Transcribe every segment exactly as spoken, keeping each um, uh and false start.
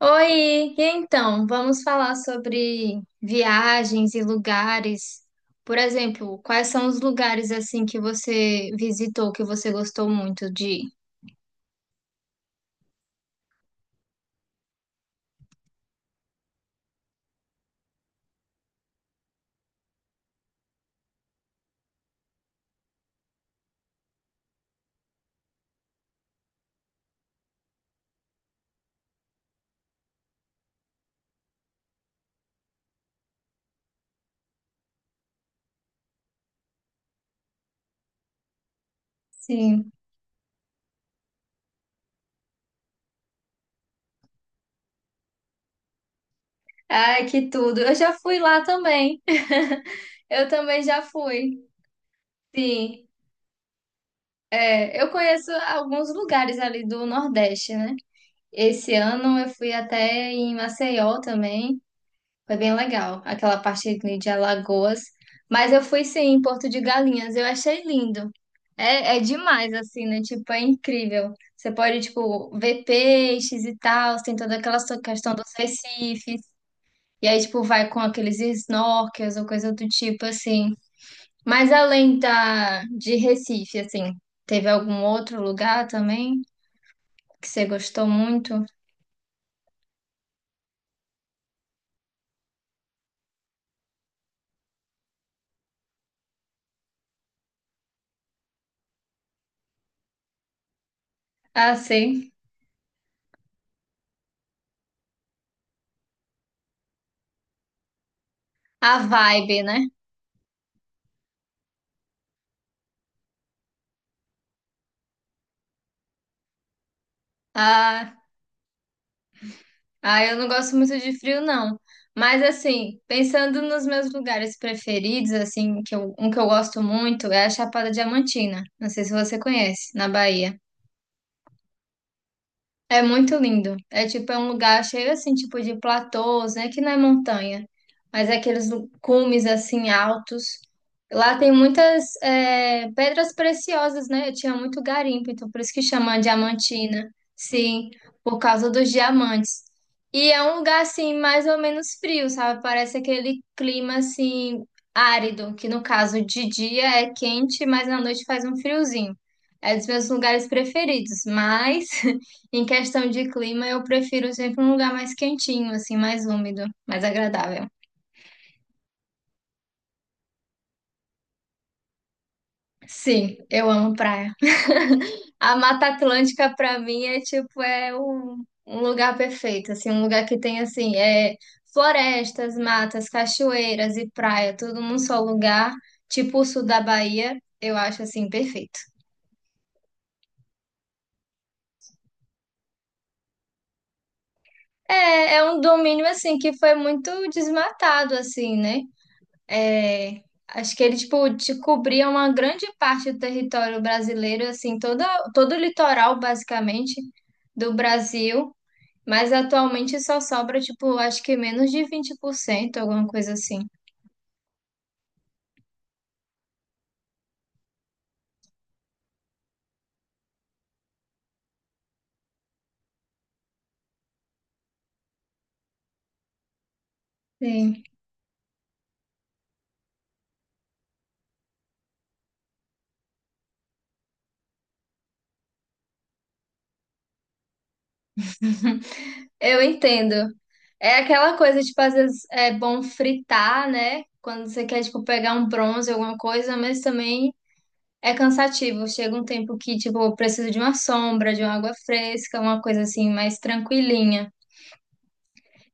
Oi, e então, vamos falar sobre viagens e lugares. Por exemplo, quais são os lugares assim que você visitou, que você gostou muito de ir? Sim. Ai, que tudo. Eu já fui lá também. Eu também já fui. Sim. É, eu conheço alguns lugares ali do Nordeste, né? Esse ano eu fui até em Maceió também. Foi bem legal, aquela parte ali de Alagoas. Mas eu fui sim em Porto de Galinhas, eu achei lindo. É, é demais, assim, né? Tipo, é incrível. Você pode, tipo, ver peixes e tal, tem toda aquela so- questão dos recifes. E aí, tipo, vai com aqueles snorkels ou coisa do tipo, assim. Mas além da, de Recife, assim, teve algum outro lugar também que você gostou muito? Ah, sim. A vibe, né? Ah. Ah, eu não gosto muito de frio, não. Mas assim, pensando nos meus lugares preferidos, assim, que eu- um que eu gosto muito é a Chapada Diamantina. Não sei se você conhece, na Bahia. É muito lindo. É tipo, é um lugar cheio assim, tipo de platôs, né? Que não é montanha, mas é aqueles lu- cumes assim altos. Lá tem muitas é, pedras preciosas, né? Eu tinha muito garimpo, então por isso que chama Diamantina. Sim, por causa dos diamantes. E é um lugar assim, mais ou menos frio, sabe? Parece aquele clima assim árido, que no caso de dia é quente, mas na noite faz um friozinho. É dos meus lugares preferidos, mas Em questão de clima, eu prefiro sempre um lugar mais quentinho, assim, mais úmido, mais agradável. Sim, eu amo praia. A Mata Atlântica pra mim é tipo é um, um lugar perfeito, assim, um lugar que tem assim, é florestas, matas, cachoeiras e praia, tudo num só lugar, tipo o sul da Bahia, eu acho assim perfeito. É, é um domínio assim que foi muito desmatado assim, né? É, acho que ele, tipo, te cobria uma grande parte do território brasileiro, assim, toda, todo o litoral, basicamente, do Brasil, mas atualmente só sobra, tipo, acho que menos de vinte por cento, alguma coisa assim. Sim. Eu entendo. É aquela coisa, tipo, às vezes é bom fritar, né? Quando você quer, tipo, pegar um bronze, alguma coisa, mas também é cansativo. Chega um tempo que, tipo, eu preciso de uma sombra, de uma água fresca, uma coisa assim, mais tranquilinha.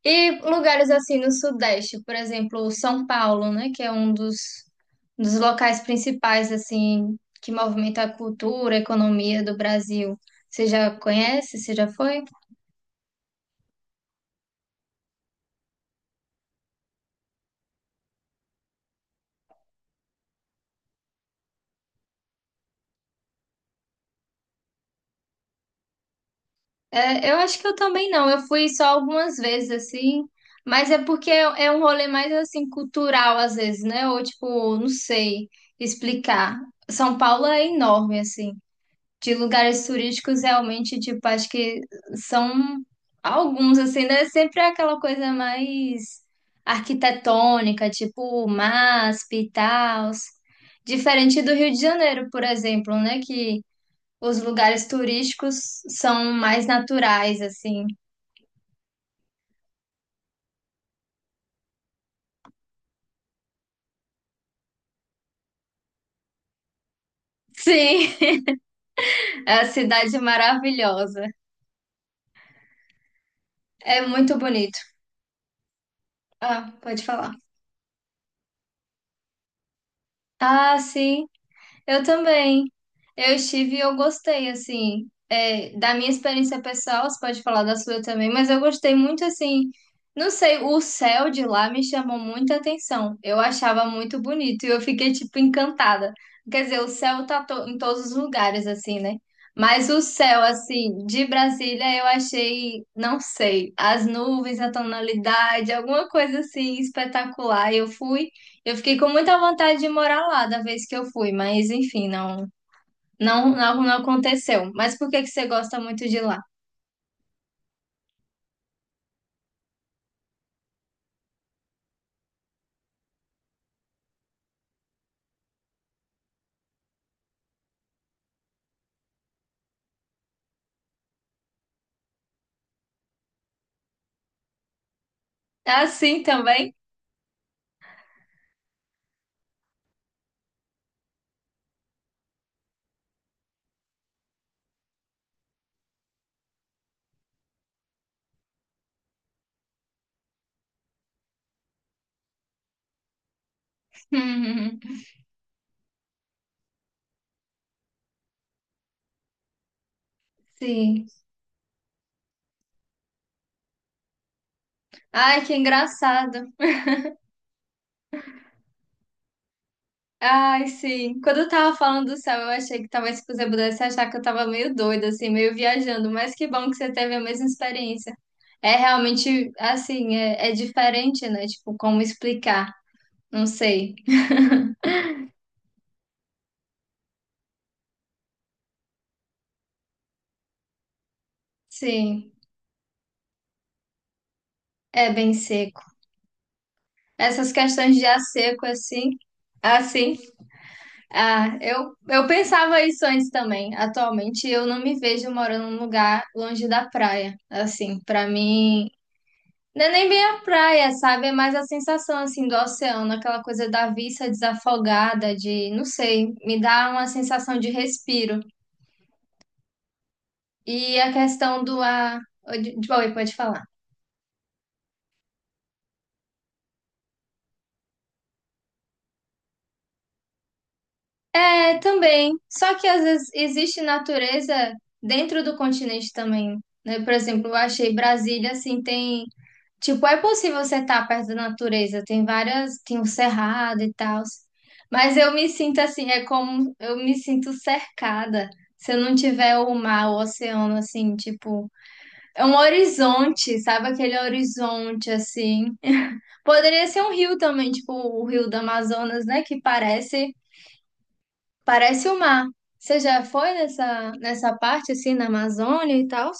E lugares assim no Sudeste, por exemplo, São Paulo, né, que é um dos, dos locais principais assim que movimenta a cultura, a economia do Brasil. Você já conhece? Você já foi? É, eu acho que eu também não. Eu fui só algumas vezes assim, mas é porque é é um rolê mais assim cultural às vezes, né? Ou tipo, não sei explicar. São Paulo é enorme assim. De lugares turísticos realmente, tipo, acho que são alguns, assim, né? Sempre é aquela coisa mais arquitetônica, tipo MASP e tal. Diferente do Rio de Janeiro, por exemplo, né? Que os lugares turísticos são mais naturais, assim. Sim, é a cidade maravilhosa. É muito bonito. Ah, pode falar. Ah, sim. Eu também. Eu estive e eu gostei, assim, é, da minha experiência pessoal, você pode falar da sua também, mas eu gostei muito, assim, não sei, o céu de lá me chamou muita atenção. Eu achava muito bonito e eu fiquei, tipo, encantada. Quer dizer, o céu tá to- em todos os lugares, assim, né? Mas o céu, assim, de Brasília, eu achei, não sei, as nuvens, a tonalidade, alguma coisa, assim, espetacular. Eu fui. Eu fiquei com muita vontade de morar lá da vez que eu fui, mas enfim, não, não, não, não aconteceu. Mas por que que você gosta muito de lá? Ah, sim, também? Sim. Ai, que engraçado. Ai, sim. Quando eu tava falando do céu, eu achei que talvez se você pudesse achar que eu tava meio doida, assim, meio viajando, mas que bom que você teve a mesma experiência. É realmente, assim, é, é diferente, né? Tipo, como explicar? Não sei. Sim, é bem seco. Essas questões de ar seco, assim, assim, ah, eu, eu pensava isso antes também. Atualmente, eu não me vejo morando num lugar longe da praia, assim, pra mim, não é nem bem a praia, sabe? É mais a sensação, assim, do oceano, aquela coisa da vista desafogada, de, não sei, me dá uma sensação de respiro. E a questão do ar... de- de- Oi, pode falar. É, também. Só que às vezes existe natureza dentro do continente também, né? Por exemplo, eu achei Brasília assim, tem, tipo, é possível você estar perto da natureza, tem várias, tem o cerrado e tal. Mas eu me sinto assim, é como eu me sinto cercada. Se eu não tiver o mar, o oceano assim, tipo, é um horizonte, sabe? Aquele horizonte assim. Poderia ser um rio também, tipo o Rio do Amazonas, né, que parece Parece o mar. Você já foi nessa, nessa parte assim na Amazônia e tal?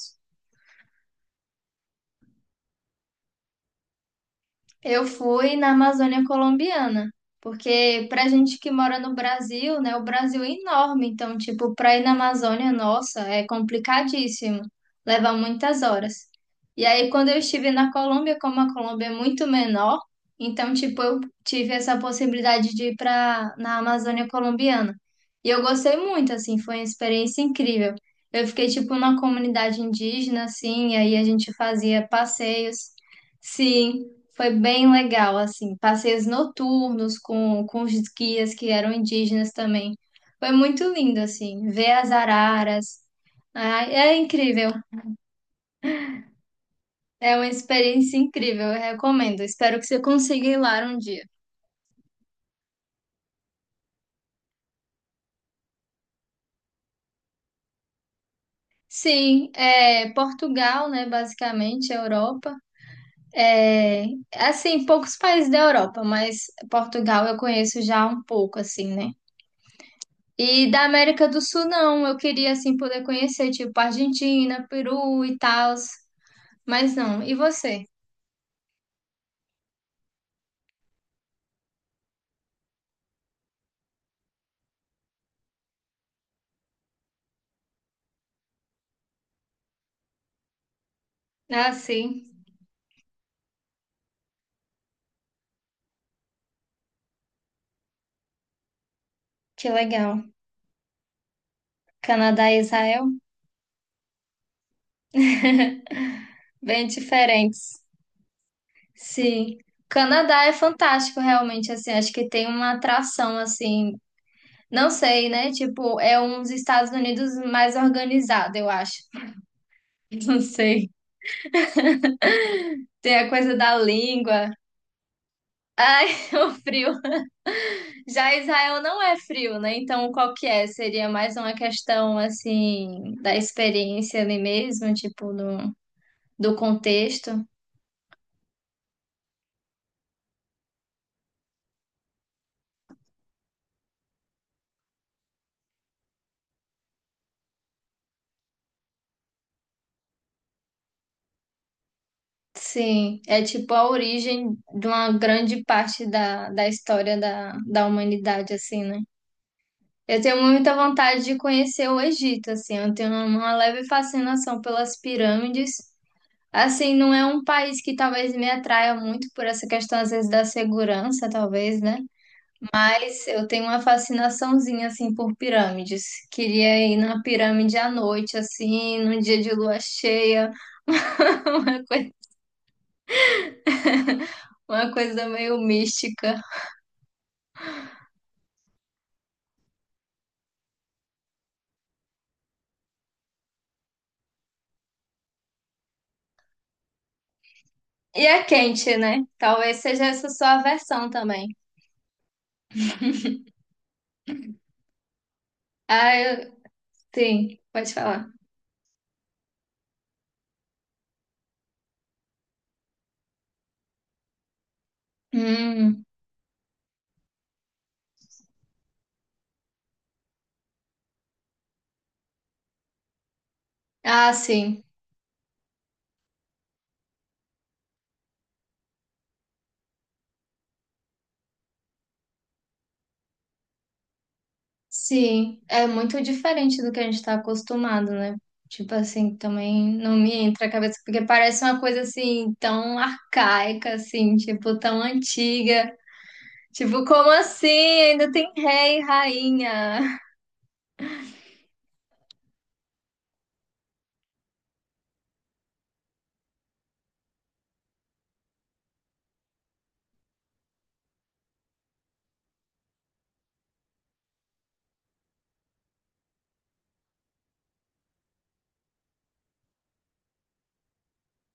Eu fui na Amazônia colombiana, porque pra gente que mora no Brasil, né, o Brasil é enorme, então, tipo, pra ir na Amazônia, nossa, é complicadíssimo, leva muitas horas. E aí, quando eu estive na Colômbia, como a Colômbia é muito menor, então, tipo, eu tive essa possibilidade de ir pra, na Amazônia colombiana. E eu gostei muito, assim, foi uma experiência incrível. Eu fiquei, tipo, na comunidade indígena, assim, e aí a gente fazia passeios. Sim. Foi bem legal, assim, passeios noturnos com, com os guias que eram indígenas também. Foi muito lindo, assim, ver as araras. Ah, é incrível, é uma experiência incrível, eu recomendo. Espero que você consiga ir lá um dia. Sim, é Portugal, né, basicamente, Europa. É, assim, poucos países da Europa, mas Portugal eu conheço já um pouco, assim, né? E da América do Sul, não. Eu queria, assim, poder conhecer, tipo, Argentina, Peru e tal. Mas não. E você? Ah, sim. Que legal. Canadá e Israel? Bem diferentes. Sim. Canadá é fantástico, realmente, assim, acho que tem uma atração, assim, não sei, né? Tipo, é uns Estados Unidos mais organizado, eu acho. Não sei. Tem a coisa da língua. Ai, o frio. Já Israel não é frio, né? Então, qual que é? Seria mais uma questão, assim, da experiência ali mesmo, tipo, do, do contexto. Sim, é tipo a origem de uma grande parte da, da, história da, da humanidade, assim, né? Eu tenho muita vontade de conhecer o Egito, assim, eu tenho uma leve fascinação pelas pirâmides. Assim, não é um país que talvez me atraia muito por essa questão, às vezes, da segurança, talvez, né? Mas eu tenho uma fascinaçãozinha assim por pirâmides. Queria ir na pirâmide à noite, assim, num dia de lua cheia, uma coisa, uma coisa meio mística. E é quente, né? Talvez seja essa sua versão também. Ah, eu... sim, pode falar. Hum. Ah, sim. Sim, é muito diferente do que a gente está acostumado, né? Tipo assim, também não me entra a cabeça, porque parece uma coisa assim, tão arcaica, assim, tipo, tão antiga. Tipo, como assim? Ainda tem rei e rainha.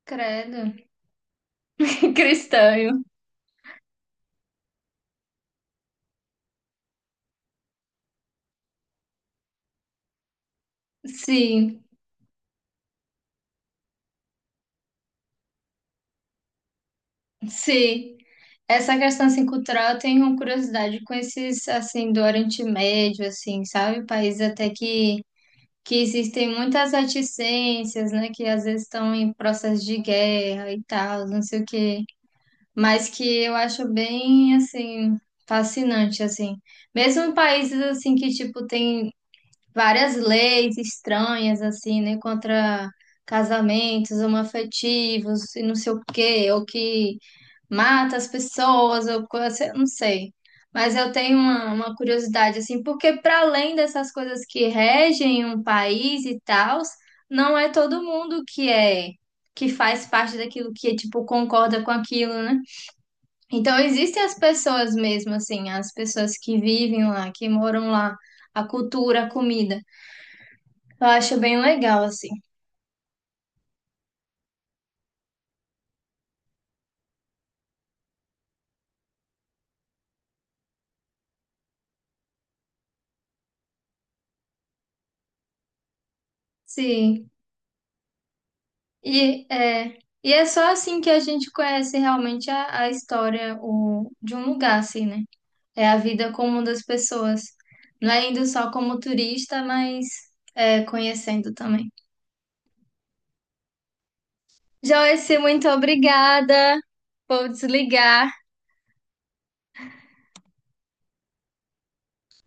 Credo. Cristão. Sim, sim. Essa questão assim, cultural, eu tenho curiosidade com esses, assim, do Oriente Médio, assim, sabe? Países até que que existem muitas reticências, né, que às vezes estão em processo de guerra e tal, não sei o quê, mas que eu acho bem, assim, fascinante, assim. Mesmo em países, assim, que, tipo, tem várias leis estranhas, assim, né, contra casamentos homoafetivos e não sei o quê, ou que mata as pessoas, ou coisa, eu não sei. Mas eu tenho uma, uma, curiosidade, assim, porque para além dessas coisas que regem um país e tal, não é todo mundo que é, que faz parte daquilo que, tipo, concorda com aquilo, né? Então existem as pessoas mesmo, assim, as pessoas que vivem lá, que moram lá, a cultura, a comida. Eu acho bem legal, assim. Sim. E é, e é só assim que a gente conhece realmente a, a história o, de um lugar, assim, né? É a vida comum das pessoas. Não é indo só como turista, mas é, conhecendo também. Joyce, muito obrigada. Vou desligar.